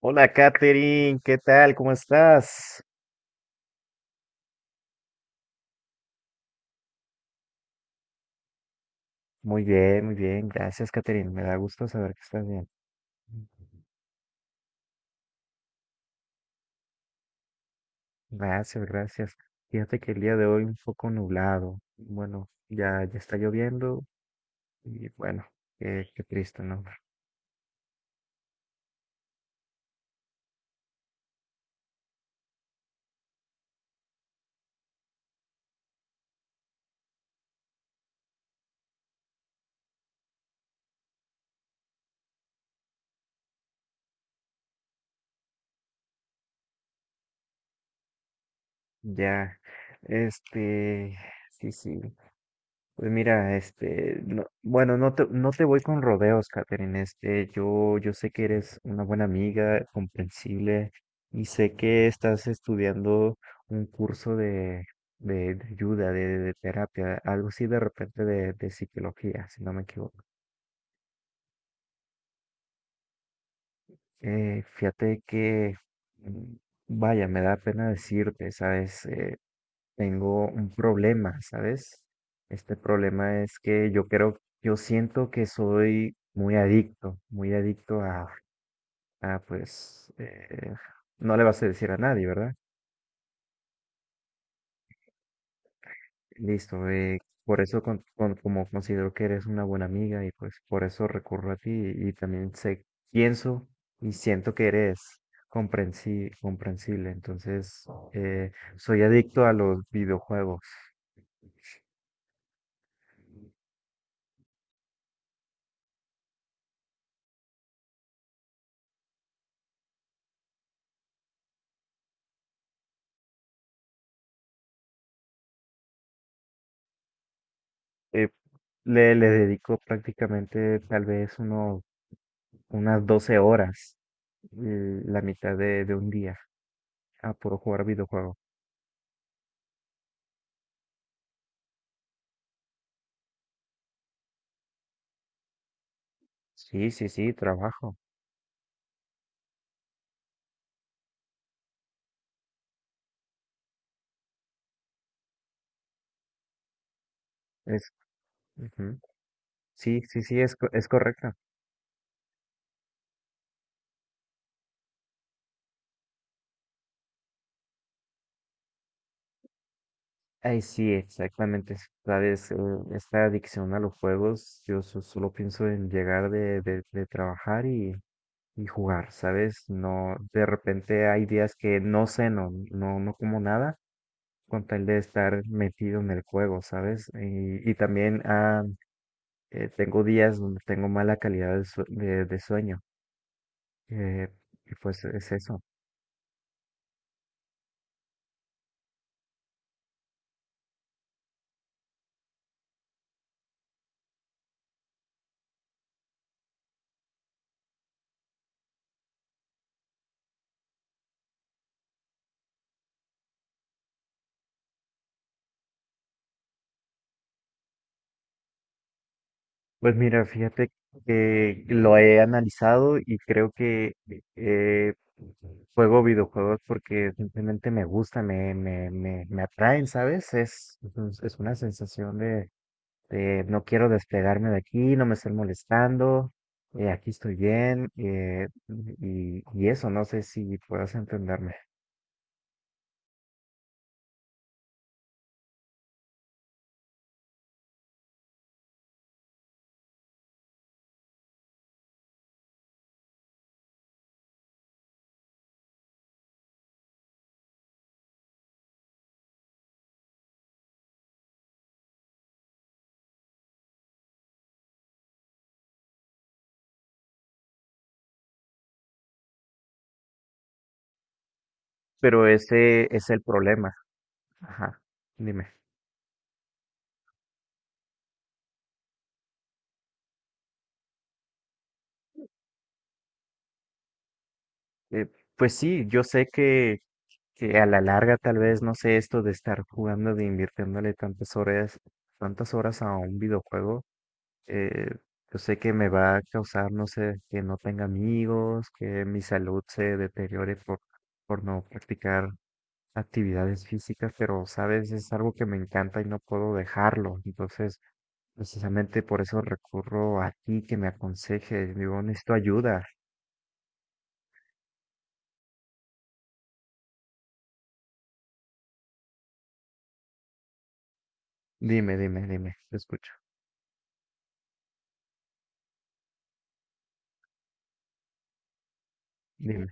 Hola, Katherine, ¿qué tal? ¿Cómo estás? Muy bien, muy bien. Gracias, Katherine. Me da gusto saber que estás bien. Gracias, gracias. Fíjate que el día de hoy un poco nublado. Bueno, ya está lloviendo y bueno, qué triste, ¿no? Ya, este, sí, sí. Pues mira, bueno, no te voy con rodeos, Catherine. Yo sé que eres una buena amiga, comprensible, y sé que estás estudiando un curso de ayuda, de terapia, algo así de repente de psicología, si no me equivoco. Fíjate que, mm, vaya, me da pena decirte, ¿sabes? Tengo un problema, ¿sabes? Este problema es que yo creo, yo siento que soy muy adicto pues, no le vas a decir a nadie, ¿verdad? Listo. Por eso como considero que eres una buena amiga y pues por eso recurro a ti y, también sé, pienso y siento que eres comprensible, entonces soy adicto a los videojuegos. eh, le dedico prácticamente unas 12 horas, la mitad de un día, a puro jugar videojuego. Sí, sí, sí, trabajo. Es, ujú. Sí, sí, sí, es correcto. Ay, sí, exactamente. Sabes, esta adicción a los juegos, yo solo pienso en llegar de trabajar y jugar, ¿sabes? No, de repente hay días que no ceno, no, no como nada con tal de estar metido en el juego, ¿sabes? Y también tengo días donde tengo mala calidad de sueño. eh, y pues es eso. Pues mira, fíjate que lo he analizado y creo que eh, juego videojuegos porque simplemente me gusta, me atraen, ¿sabes? Es una sensación de no quiero despegarme de aquí, no me estén molestando, aquí estoy bien, y eso, no sé si puedas entenderme, pero ese es el problema. Ajá, dime. Eh, pues sí, yo sé que a la larga tal vez, no sé, esto de estar jugando, de invirtiéndole tantas horas a un videojuego, eh, yo sé que me va a causar, no sé, que no tenga amigos, que mi salud se deteriore por no practicar actividades físicas, pero sabes, es algo que me encanta y no puedo dejarlo. Entonces, precisamente por eso recurro a ti que me aconsejes. Digo, necesito ayuda. Dime, dime, dime, te escucho. Dime.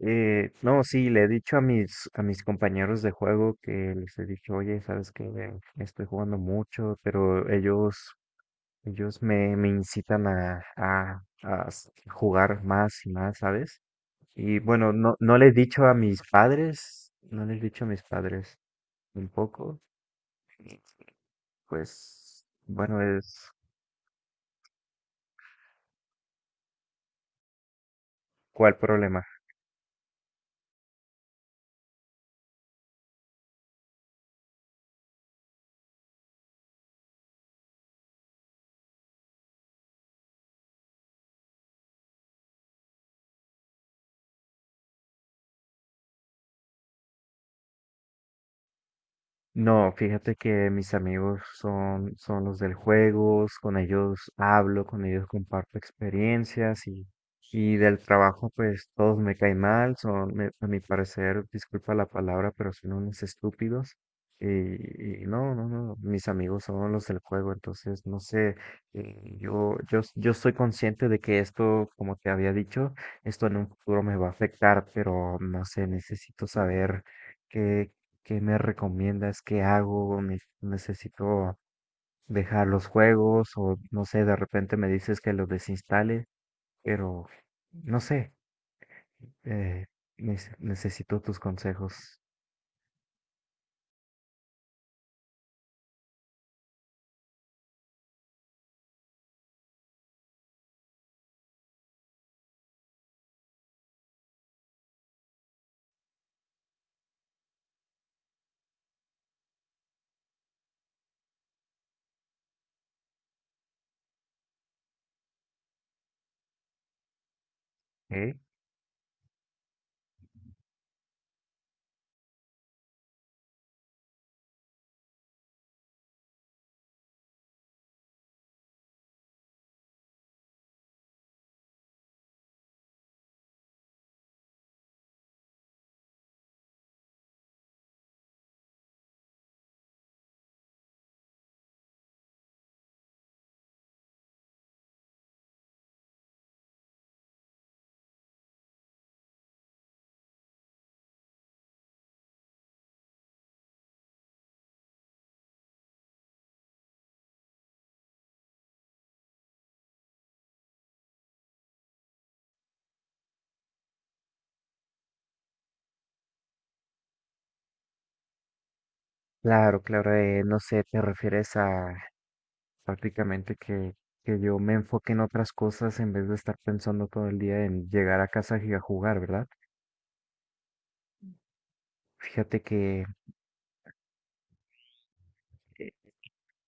No, sí, le he dicho a a mis compañeros de juego que les he dicho, oye, sabes que estoy jugando mucho, pero ellos me incitan a jugar más y más, ¿sabes? Y bueno, no, no le he dicho a mis padres, no les he dicho a mis padres un poco, pues bueno, es cuál problema. No, fíjate que mis amigos son los del juego, con ellos hablo, con ellos comparto experiencias y del trabajo pues todos me caen mal, a mi parecer, disculpa la palabra, pero son unos estúpidos y no, no, no, mis amigos son los del juego. Entonces no sé, yo estoy consciente de que esto, como te había dicho, esto en un futuro me va a afectar, pero no sé, necesito saber. ¿Qué me recomiendas? ¿Qué hago? Necesito dejar los juegos o no sé, de repente me dices que los desinstale, pero no sé, eh, necesito tus consejos. ¿Eh? Claro, claro, no sé, te refieres a prácticamente que yo me enfoque en otras cosas en vez de estar pensando todo el día en llegar a casa y a jugar, ¿verdad? Fíjate que eh,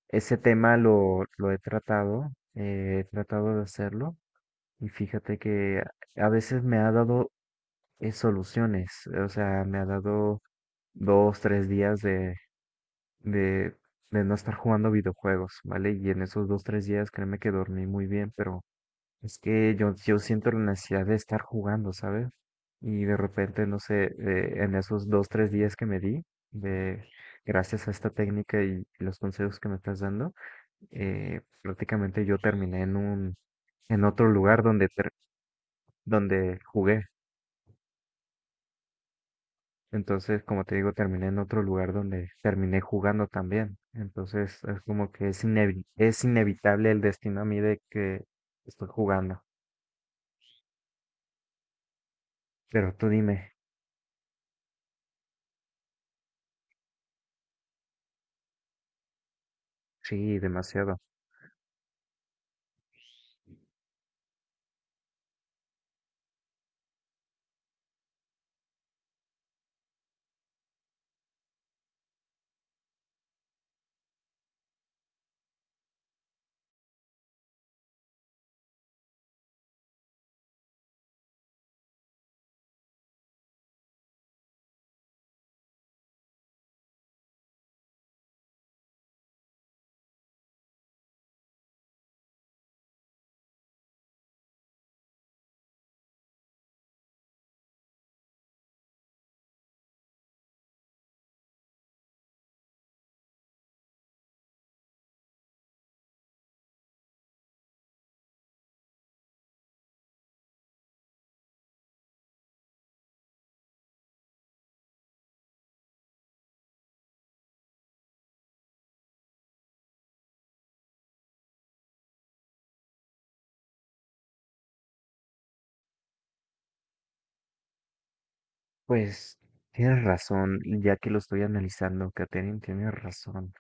ese tema lo he tratado de hacerlo. Y fíjate que a veces me ha dado soluciones, o sea, me ha dado 2, 3 días de, de no estar jugando videojuegos, ¿vale? Y en esos 2, 3 días créeme que dormí muy bien, pero es que yo siento la necesidad de estar jugando, ¿sabes? Y de repente, no sé, en esos 2, 3 días que me di, de, gracias a esta técnica y los consejos que me estás dando, prácticamente yo terminé en otro lugar donde jugué. Entonces, como te digo, terminé en otro lugar donde terminé jugando también. Entonces, es como que es inevitable el destino a mí de que estoy jugando. Pero tú dime. Sí, demasiado. Pues tienes razón, y ya que lo estoy analizando, Katherine, tienes razón.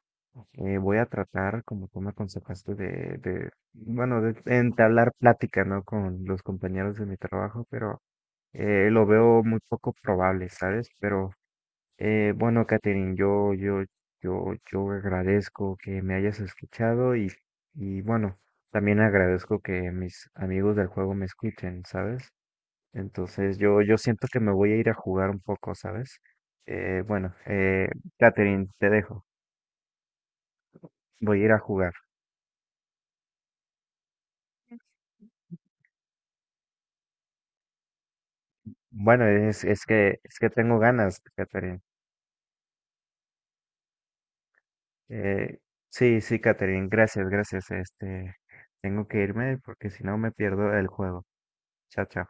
Voy a tratar, como tú me aconsejaste, bueno, de entablar plática, ¿no? Con los compañeros de mi trabajo, pero lo veo muy poco probable, ¿sabes? Pero bueno, Catherine, yo agradezco que me hayas escuchado y bueno, también agradezco que mis amigos del juego me escuchen, ¿sabes? Entonces yo siento que me voy a ir a jugar un poco, ¿sabes? Bueno, Catherine, te dejo. Voy a ir a jugar. Bueno, es que tengo ganas, Catherine. Eh, sí, sí, Catherine, gracias, gracias. Tengo que irme porque si no me pierdo el juego. Chao, chao.